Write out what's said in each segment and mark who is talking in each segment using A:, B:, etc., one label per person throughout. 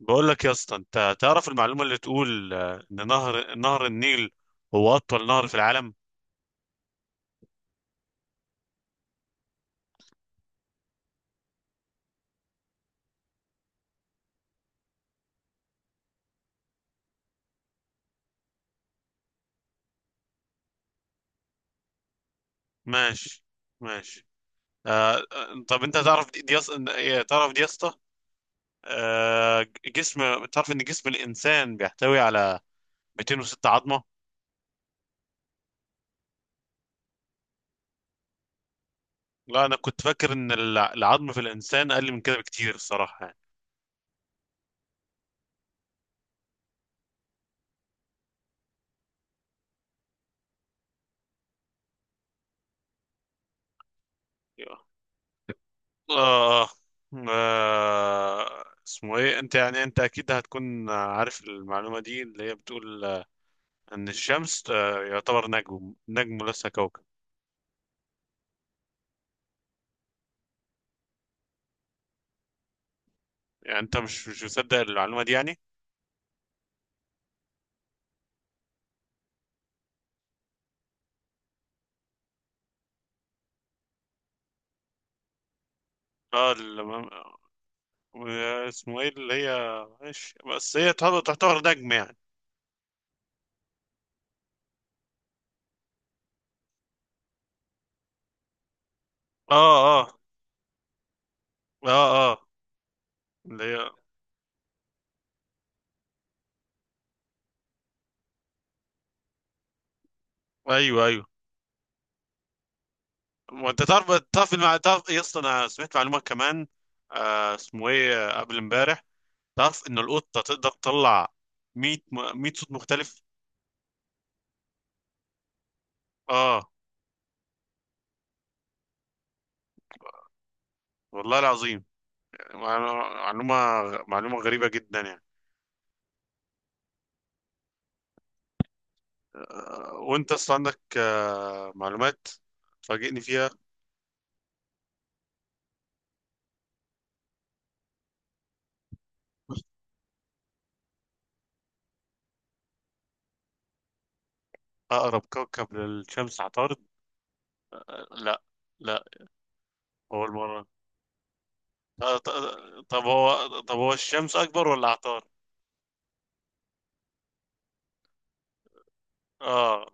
A: بقول لك يا اسطى، انت تعرف المعلومه اللي تقول ان نهر النيل هو اطول نهر في العالم. ماشي. ماشي. طب انت تعرف إيه، تعرف دي يا اسطى؟ تعرف ان جسم الانسان بيحتوي على 206 عظمه. لا، انا كنت فاكر ان العظم في الانسان اقل من كده بكتير، الصراحه يعني. آه اسمه ايه، انت يعني انت اكيد هتكون عارف المعلومه دي اللي هي بتقول ان الشمس يعتبر نجم نجم، ليس كوكب. يعني انت مش مصدق المعلومه دي يعني؟ اه، اسمه ايه، اللي هي ماشي، بس هي تعتبر نجم يعني. اه، اه، اه، اه، اللي هي ايوه، ايوه. وانت تعرف تعرف إيه يا اسطى؟ انا سمعت معلومه كمان، اسمه ايه، قبل امبارح. تعرف ان القطه تقدر تطلع 100 100 صوت مختلف. اه، والله العظيم، يعني معلومه غريبه جدا يعني. وانت اصلا عندك معلومات تفاجئني فيها. اقرب كوكب للشمس عطارد؟ لا، لا، اول مره. آه، ط- طب هو الشمس اكبر ولا عطارد؟ اه،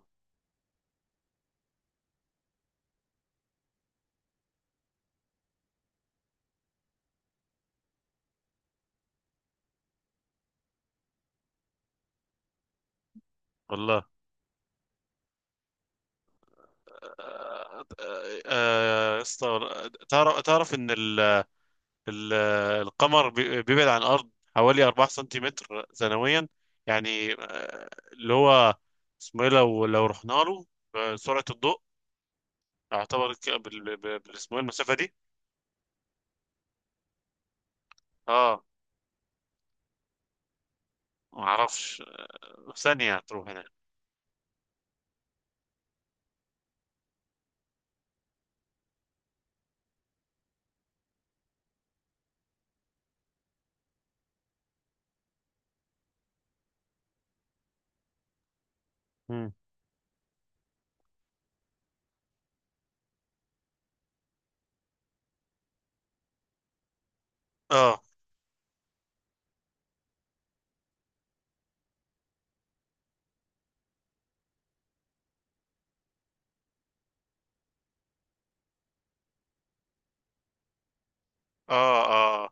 A: والله. آه، تعرف ان ال القمر بيبعد عن الارض حوالي 4 سنتيمتر سنويا. يعني اللي هو اسمه ايه، لو رحنا له بسرعه الضوء يعتبر اسمه ايه المسافه دي. اه، ما اعرفش، ثانية هتروح هنا. مم. اه، اه، اه، اه،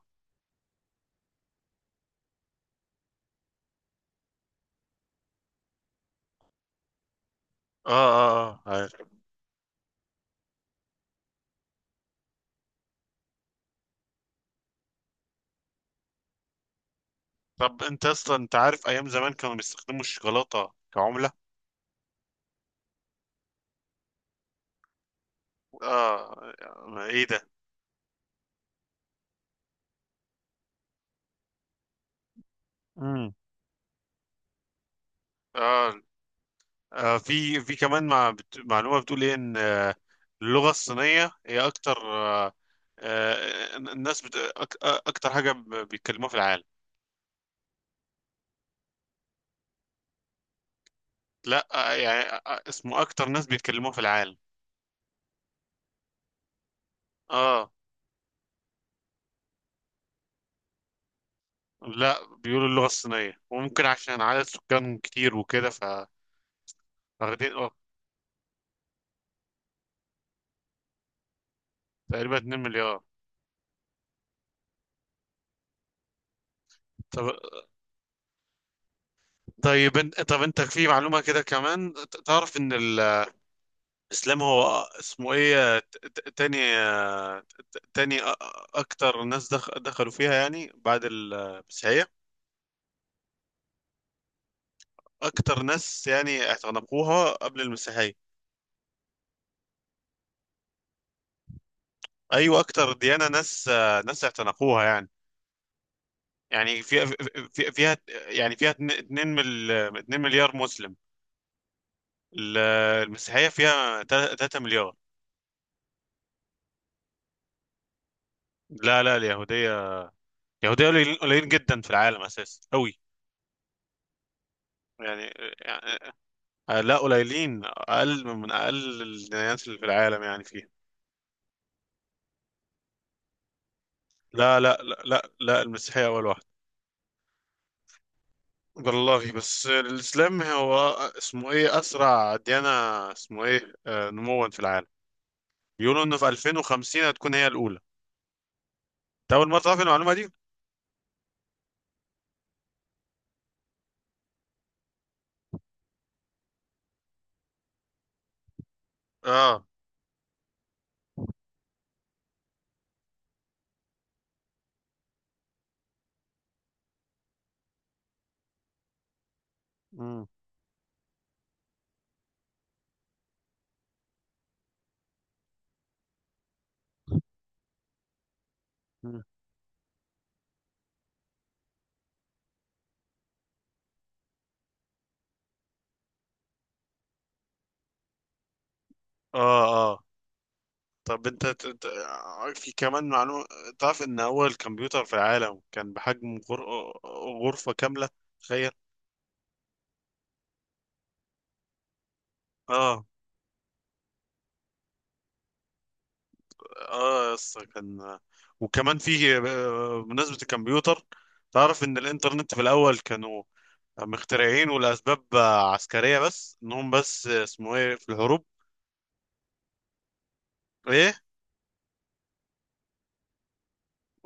A: اه، اه، عارف. طب انت اصلا انت عارف ايام زمان كانوا بيستخدموا الشوكولاتة كعملة؟ اه، ما ايه ده. مم. اه، في كمان معلومة بتقول ايه، ان اللغة الصينية هي اكتر الناس بت... أك... آه، اكتر حاجة بيتكلموها في العالم. لا، يعني اسمه اكتر ناس بيتكلموها في العالم. اه، لا، بيقولوا اللغة الصينية، وممكن عشان عدد سكانهم كتير وكده، ف واخدين. اه، تقريبا 2 مليار. طب طيب انت طب انت في معلومة كده كمان، تعرف ان الاسلام هو اسمه ايه، تاني اكتر ناس دخلوا فيها، يعني بعد المسيحية. اكتر ناس يعني اعتنقوها قبل المسيحية. ايوه، اكتر ديانة ناس، ناس اعتنقوها يعني. يعني فيها فيها، يعني فيها 2 مليار مسلم. ال- المسيحية فيها 3 مليار. لا، لا، اليهودية، اليهودية قليلين، قليلين جدا في العالم أساسا أوي. يعني. يعني- لا، قليلين، أقل من أقل الديانات اللي في العالم، يعني فيها. لا، لا، لا، لا، لا، المسيحية أول واحدة. والله، بس الإسلام هو اسمه إيه، أسرع ديانة اسمه إيه نموا في العالم. بيقولوا إنه في 2050 هتكون هي الأولى. أنت أول مرة تعرف المعلومة دي؟ آه. مم. مم. آه طب انت في كمان معلومة، تعرف ان اول كمبيوتر في العالم كان بحجم غرفة كاملة؟ تخيل. اه، اه يا اسطى، كان. وكمان فيه بمناسبة الكمبيوتر، تعرف ان الانترنت في الاول كانوا مخترعين ولاسباب عسكرية، بس انهم بس اسمه ايه، في الحروب. ايه؟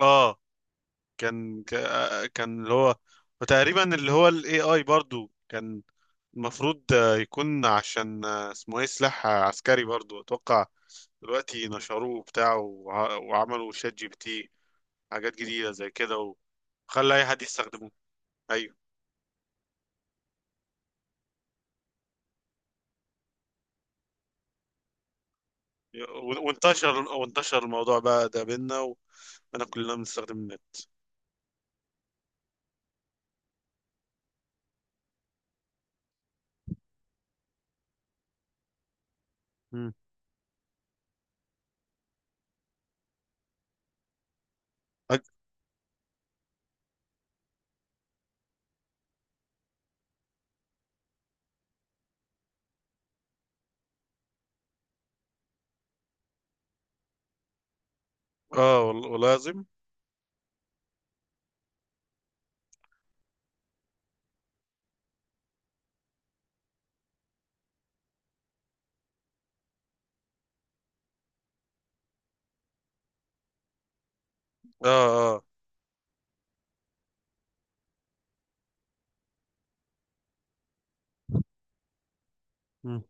A: اه، كان كان اللي هو. وتقريبا اللي هو الاي اي برضو كان المفروض يكون عشان اسمه ايه، سلاح عسكري برضو، اتوقع. دلوقتي نشروه بتاعه وعملوا شات جي بي تي، حاجات جديدة زي كده، وخلى اي حد يستخدمه. ايوه، وانتشر الموضوع بقى ده بينا، وانا كلنا بنستخدم النت. مم. أج- اه، والله العظيم. اه، اه. مم.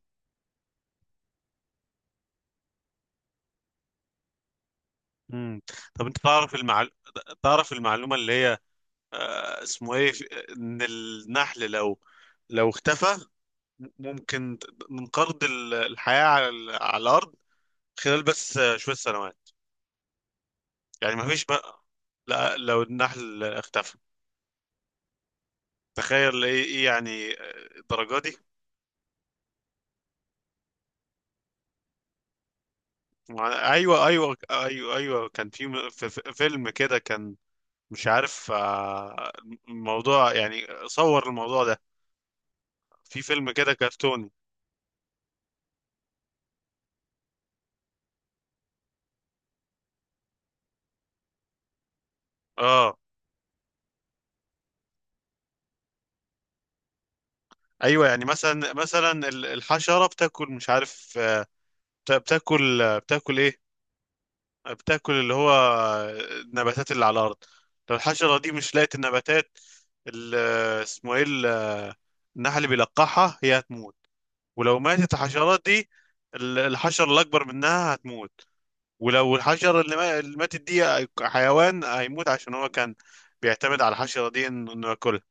A: مم. طب انت تعرف تعرف المعلومة اللي هي، اسمه ايه، ان النحل لو اختفى ممكن من قرض الحياة على الأرض خلال بس شوية سنوات. يعني ما فيش بقى، لا، لو النحل اختفى، تخيل، ايه؟ إيه يعني الدرجة دي. ايوه، ايوه، ايوه، ايوه، كان في في فيلم كده كان، مش عارف الموضوع، يعني صور الموضوع ده في فيلم كده كرتوني. اه. ايوه، يعني مثلا، مثلا الحشرة بتاكل، مش عارف بتاكل بتاكل ايه، بتاكل اللي هو النباتات اللي على الارض. لو الحشره دي مش لقت النباتات، ال- اسمه ايه، النحل اللي بيلقحها، هي هتموت. ولو ماتت الحشرات دي، الحشره الاكبر منها هتموت. ولو الحشره اللي ما- اللي ماتت دي، حيوان هيموت عشان هو كان بيعتمد على الحشره دي انه ياكلها.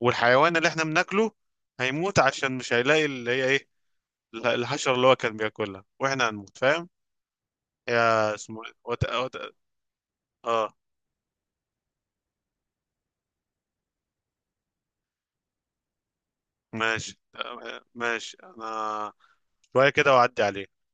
A: والحيوان اللي احنا بناكله هيموت عشان مش هيلاقي اللي هي ايه الحشره اللي هو كان بياكلها، واحنا هنموت، فاهم يا اسمه إيه؟ اه، ماشي. ماشي انا، شوية كده واعدي عليك.